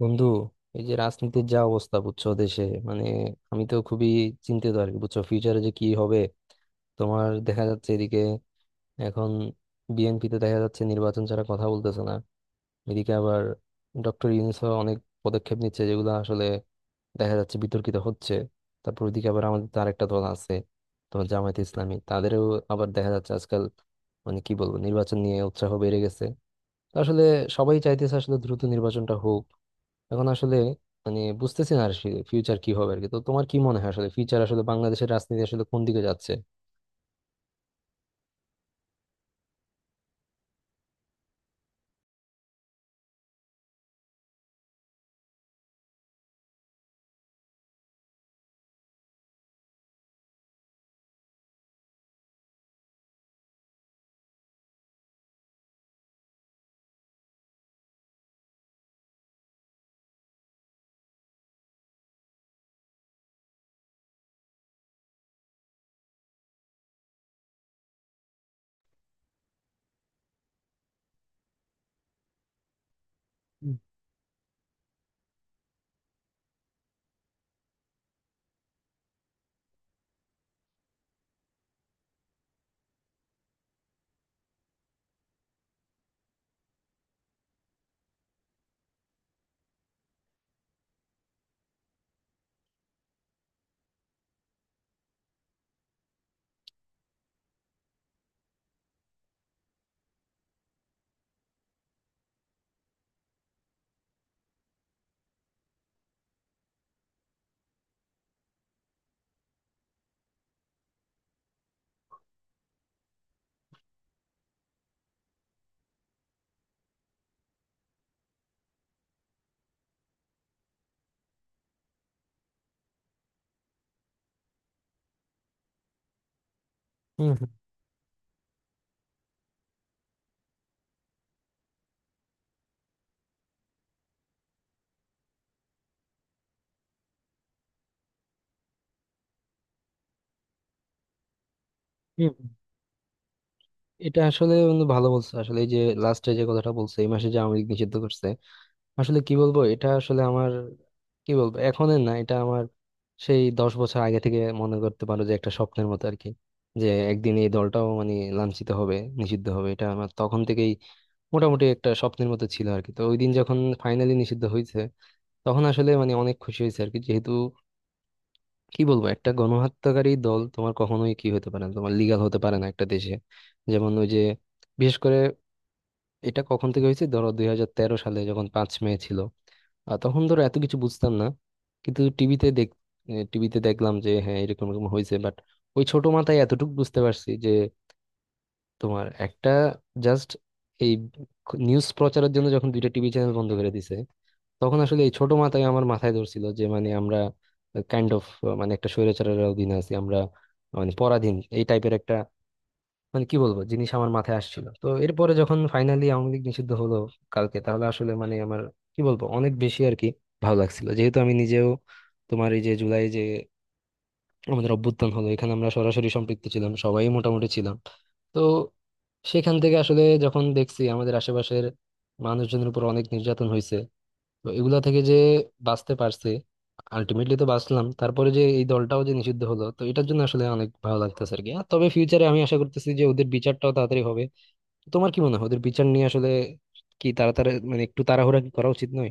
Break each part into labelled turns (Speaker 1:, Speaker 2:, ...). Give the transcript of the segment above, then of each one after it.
Speaker 1: বন্ধু, এই যে রাজনীতির যা অবস্থা বুঝছো দেশে, মানে আমি তো খুবই চিন্তিত আর কি। বুঝছো ফিউচারে যে কি হবে তোমার? দেখা যাচ্ছে এদিকে এখন বিএনপি তে দেখা যাচ্ছে নির্বাচন ছাড়া কথা বলতেছে না। এদিকে আবার ডক্টর ইউনূস অনেক পদক্ষেপ নিচ্ছে যেগুলো আসলে দেখা যাচ্ছে বিতর্কিত হচ্ছে। তারপর ওইদিকে আবার আমাদের তো আরেকটা দল আছে তোমার, জামায়াতে ইসলামী, তাদেরও আবার দেখা যাচ্ছে আজকাল মানে কি বলবো নির্বাচন নিয়ে উৎসাহ বেড়ে গেছে। তো আসলে সবাই চাইতেছে আসলে দ্রুত নির্বাচনটা হোক। এখন আসলে মানে বুঝতেছি না আর ফিউচার কি হবে আর কি। তো তোমার কি মনে হয় আসলে ফিউচার আসলে বাংলাদেশের রাজনীতি আসলে কোন দিকে যাচ্ছে? হুম, হুম হুম। হুম, এটা আসলে বন্ধু ভালো বলছো আসলে এই যে লাস্টে যে কথাটা বলছে এই মাসে যে আওয়ামী লীগ নিষিদ্ধ করছে, আসলে কি বলবো এটা আসলে আমার, কি বলবো, এখনের না, এটা আমার সেই 10 বছর আগে থেকে মনে করতে পারো যে একটা স্বপ্নের মতো আর কি। যে একদিন এই দলটাও মানে লাঞ্ছিত হবে, নিষিদ্ধ হবে, এটা আমার তখন থেকেই মোটামুটি একটা স্বপ্নের মতো ছিল আর কি। তো ওই দিন যখন ফাইনালি নিষিদ্ধ হয়েছে তখন আসলে মানে অনেক খুশি হয়েছে আর কি, যেহেতু কি বলবো একটা গণহত্যাকারী দল তোমার কখনোই কি হতে পারে না, তোমার লিগাল হতে পারে না একটা দেশে। যেমন ওই যে বিশেষ করে এটা কখন থেকে হয়েছে ধরো 2013 সালে যখন 5 মে ছিল, আর তখন ধরো এত কিছু বুঝতাম না কিন্তু টিভিতে দেখ, টিভিতে দেখলাম যে হ্যাঁ এরকম এরকম হয়েছে, বাট ওই ছোট মাথায় এতটুকু বুঝতে পারছি যে তোমার একটা জাস্ট এই নিউজ প্রচারের জন্য যখন দুইটা টিভি চ্যানেল বন্ধ করে দিছে তখন আসলে এই ছোট মাথায় আমার মাথায় ধরছিল যে মানে আমরা কাইন্ড অফ মানে একটা স্বৈরাচারের অধীনে আছি আমরা, মানে পরাধীন এই টাইপের একটা মানে কি বলবো জিনিস আমার মাথায় আসছিল। তো এরপরে যখন ফাইনালি আওয়ামী লীগ নিষিদ্ধ হলো কালকে, তাহলে আসলে মানে আমার কি বলবো অনেক বেশি আর কি ভালো লাগছিল, যেহেতু আমি নিজেও তোমার এই যে জুলাই যে আমাদের অভ্যুত্থান হলো এখানে আমরা সরাসরি সম্পৃক্ত ছিলাম, সবাই মোটামুটি ছিলাম। তো সেখান থেকে আসলে যখন দেখছি আমাদের আশেপাশের মানুষজনের উপর অনেক নির্যাতন হয়েছে, তো এগুলা থেকে যে বাঁচতে পারছি আলটিমেটলি, তো বাঁচলাম তারপরে যে এই দলটাও যে নিষিদ্ধ হলো, তো এটার জন্য আসলে অনেক ভালো লাগতেছে আর কি। আর তবে ফিউচারে আমি আশা করতেছি যে ওদের বিচারটাও তাড়াতাড়ি হবে। তোমার কি মনে হয় ওদের বিচার নিয়ে আসলে কি তাড়াতাড়ি মানে একটু তাড়াহুড়া কি করা উচিত নয়?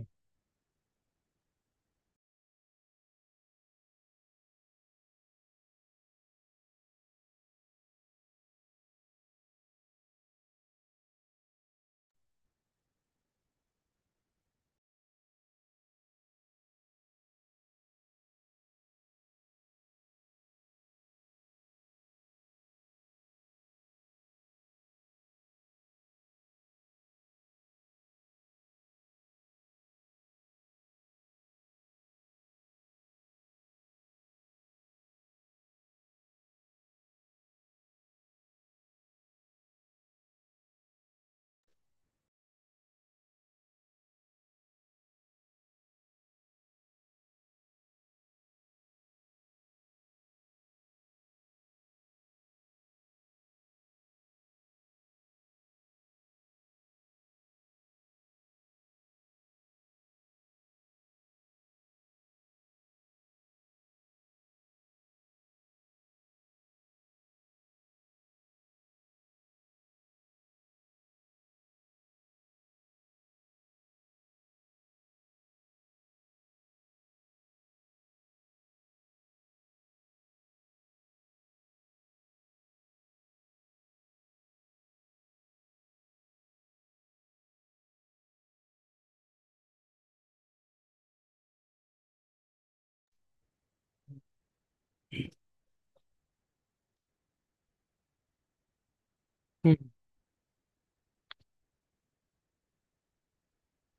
Speaker 1: হুম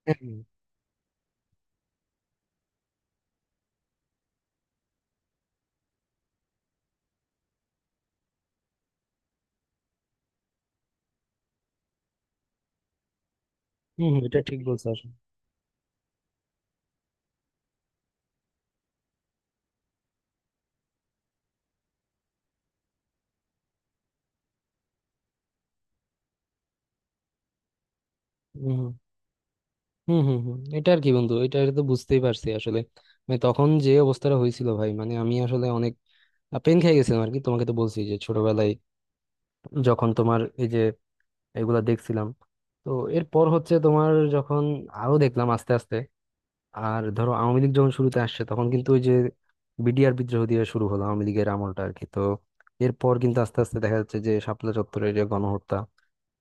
Speaker 1: হম। হম, এটা ঠিক বলছো আসলে। হম। হুম হুম হুম, এটা আর কি বন্ধু, এটা এটা তো বুঝতেই পারছি আসলে মানে তখন যে অবস্থাটা হয়েছিল ভাই, মানে আমি আসলে অনেক পেন খেয়ে গেছিলাম আর কি। তোমাকে তো বলছি যে ছোটবেলায় যখন তোমার এই যে এগুলা দেখছিলাম, তো এরপর হচ্ছে তোমার যখন আরো দেখলাম আস্তে আস্তে, আর ধরো আওয়ামী লীগ যখন শুরুতে আসছে তখন কিন্তু ওই যে বিডিআর বিদ্রোহ দিয়ে শুরু হলো আওয়ামী লীগের আমলটা আর কি। তো এরপর কিন্তু আস্তে আস্তে দেখা যাচ্ছে যে শাপলা চত্বরের যে গণহত্যা,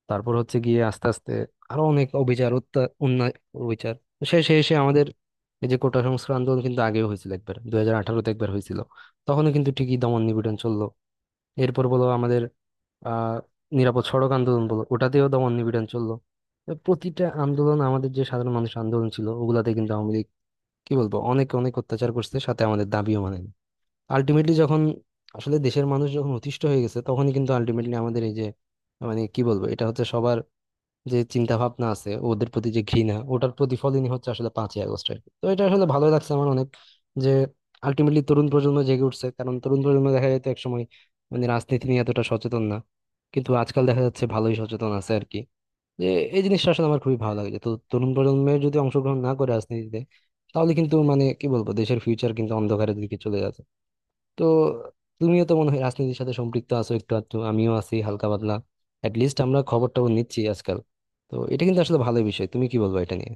Speaker 1: তারপর হচ্ছে গিয়ে আস্তে আস্তে আরো অনেক অবিচার, অন্যায় অবিচার। তো শেষে এসে আমাদের এই যে কোটা সংস্কার আন্দোলন কিন্তু আগেও হয়েছিল একবার, 2018-তে একবার হয়েছিল, তখনও কিন্তু ঠিকই দমন নিপীড়ন চললো। এরপর বলো আমাদের আহ নিরাপদ সড়ক আন্দোলন বলো ওটাতেও দমন নিপীড়ন চললো। তো প্রতিটা আন্দোলন আমাদের যে সাধারণ মানুষের আন্দোলন ছিল ওগুলাতে কিন্তু আওয়ামী লীগ কি বলবো অনেক অনেক অত্যাচার করছে, সাথে আমাদের দাবিও মানেনি। আলটিমেটলি যখন আসলে দেশের মানুষ যখন অতিষ্ঠ হয়ে গেছে তখনই কিন্তু আলটিমেটলি আমাদের এই যে মানে কি বলবো এটা হচ্ছে সবার যে চিন্তা ভাবনা আছে ওদের প্রতি, যে ঘৃণা, ওটার প্রতিফলনই হচ্ছে আসলে 5ই আগস্ট আর কি। তো এটা আসলে ভালো লাগছে আমার অনেক, যে আলটিমেটলি তরুণ প্রজন্ম জেগে উঠছে, কারণ তরুণ প্রজন্ম দেখা যেত একসময় মানে রাজনীতি নিয়ে এতটা সচেতন না, কিন্তু আজকাল দেখা যাচ্ছে ভালোই সচেতন আছে আর কি। যে এই জিনিসটা আসলে আমার খুবই ভালো লাগে। যে তো তরুণ প্রজন্মের যদি অংশগ্রহণ না করে রাজনীতিতে, তাহলে কিন্তু মানে কি বলবো দেশের ফিউচারের কিন্তু অন্ধকারের দিকে চলে যাচ্ছে। তো তুমিও তো মনে হয় রাজনীতির সাথে সম্পৃক্ত আছো একটু আধটু, আমিও আছি হালকা পাতলা, লিস্ট আমরা খবর টবর নিচ্ছি আজকাল। তো এটা কিন্তু আসলে ভালো বিষয়, তুমি কি বলবো এটা নিয়ে?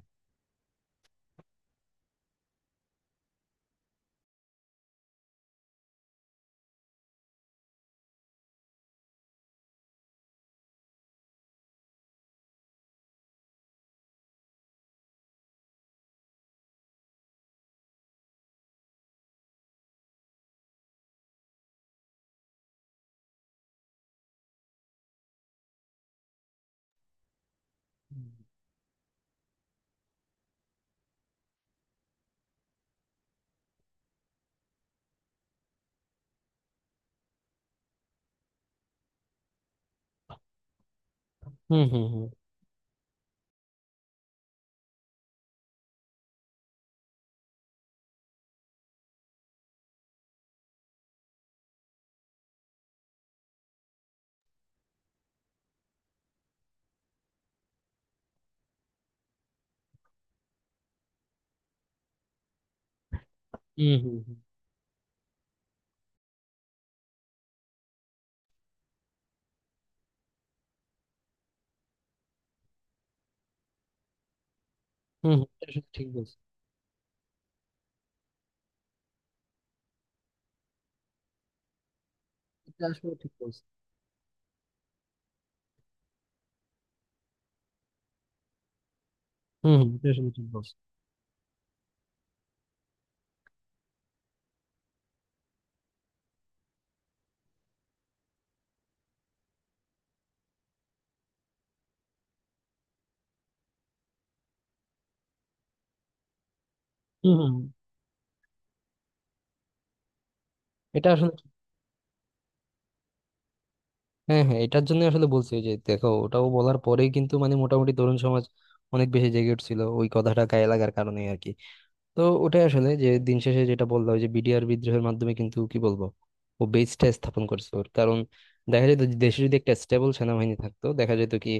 Speaker 1: হুম হুম হুম। হুম হুম হুম। হুম, এটা আসলে ঠিক বলছো। এটা আসলে ঠিক বলছো। হুম হুম, এটা আসলে ঠিক বলছো। হুম হুম হুম, এটা আসলে ঠিক। হ্যাঁ হ্যাঁ, এটার জন্য আসলে বলছি যে দেখো ওটাও বলার পরেই কিন্তু মানে মোটামুটি তরুণ সমাজ অনেক বেশি জেগে উঠছিল ওই কথাটা গায়ে লাগার কারণে আর কি। তো ওটাই আসলে যে দিন শেষে যেটা বললাম যে বিডিআর বিদ্রোহের মাধ্যমে কিন্তু কি বলবো ও বেসটা স্থাপন করছে ওর, কারণ দেখা যেত যে দেশে যদি একটা স্টেবল সেনাবাহিনী থাকতো দেখা যেত কি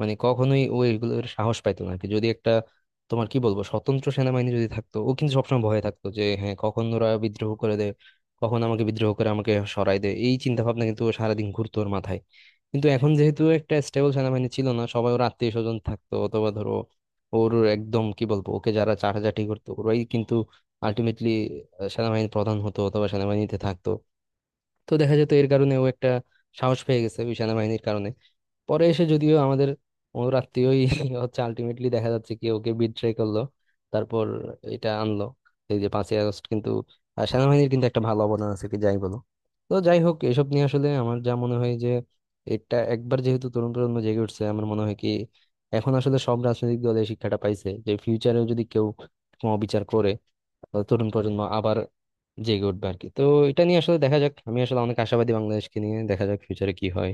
Speaker 1: মানে কখনোই ও এগুলোর সাহস পাইতো না আর কি। যদি একটা তোমার কি বলবো স্বতন্ত্র সেনাবাহিনী যদি থাকতো ও কিন্তু সবসময় ভয়ে থাকতো যে হ্যাঁ কখন ওরা বিদ্রোহ করে দেয়, কখন আমাকে বিদ্রোহ করে আমাকে সরায় দেয়, এই চিন্তা ভাবনা কিন্তু ও সারাদিন ঘুরতো ওর মাথায়। কিন্তু এখন যেহেতু একটা স্টেবল সেনাবাহিনী ছিল না, সবাই ওর আত্মীয় স্বজন থাকতো, অথবা ধরো ওর একদম কি বলবো ওকে যারা চাটাচাটি করতো ওরাই কিন্তু আলটিমেটলি সেনাবাহিনীর প্রধান হতো অথবা সেনাবাহিনীতে থাকতো। তো দেখা যেত এর কারণে ও একটা সাহস পেয়ে গেছে ওই সেনাবাহিনীর কারণে। পরে এসে যদিও আমাদের ওর আত্মীয়ই হচ্ছে আলটিমেটলি দেখা যাচ্ছে কি ওকে বিট্রে করলো, তারপর এটা আনলো এই যে 5ই আগস্ট। কিন্তু সেনাবাহিনীর কিন্তু একটা ভালো অবদান আছে কি যাই বলো। তো যাই হোক এসব নিয়ে আসলে আমার যা মনে হয় যে এটা একবার যেহেতু তরুণ প্রজন্ম জেগে উঠছে, আমার মনে হয় কি এখন আসলে সব রাজনৈতিক দল এই শিক্ষাটা পাইছে যে ফিউচারেও যদি কেউ কোনো অবিচার করে তাহলে তরুণ প্রজন্ম আবার জেগে উঠবে আর কি। তো এটা নিয়ে আসলে দেখা যাক, আমি আসলে অনেক আশাবাদী বাংলাদেশকে নিয়ে, দেখা যাক ফিউচারে কি হয়।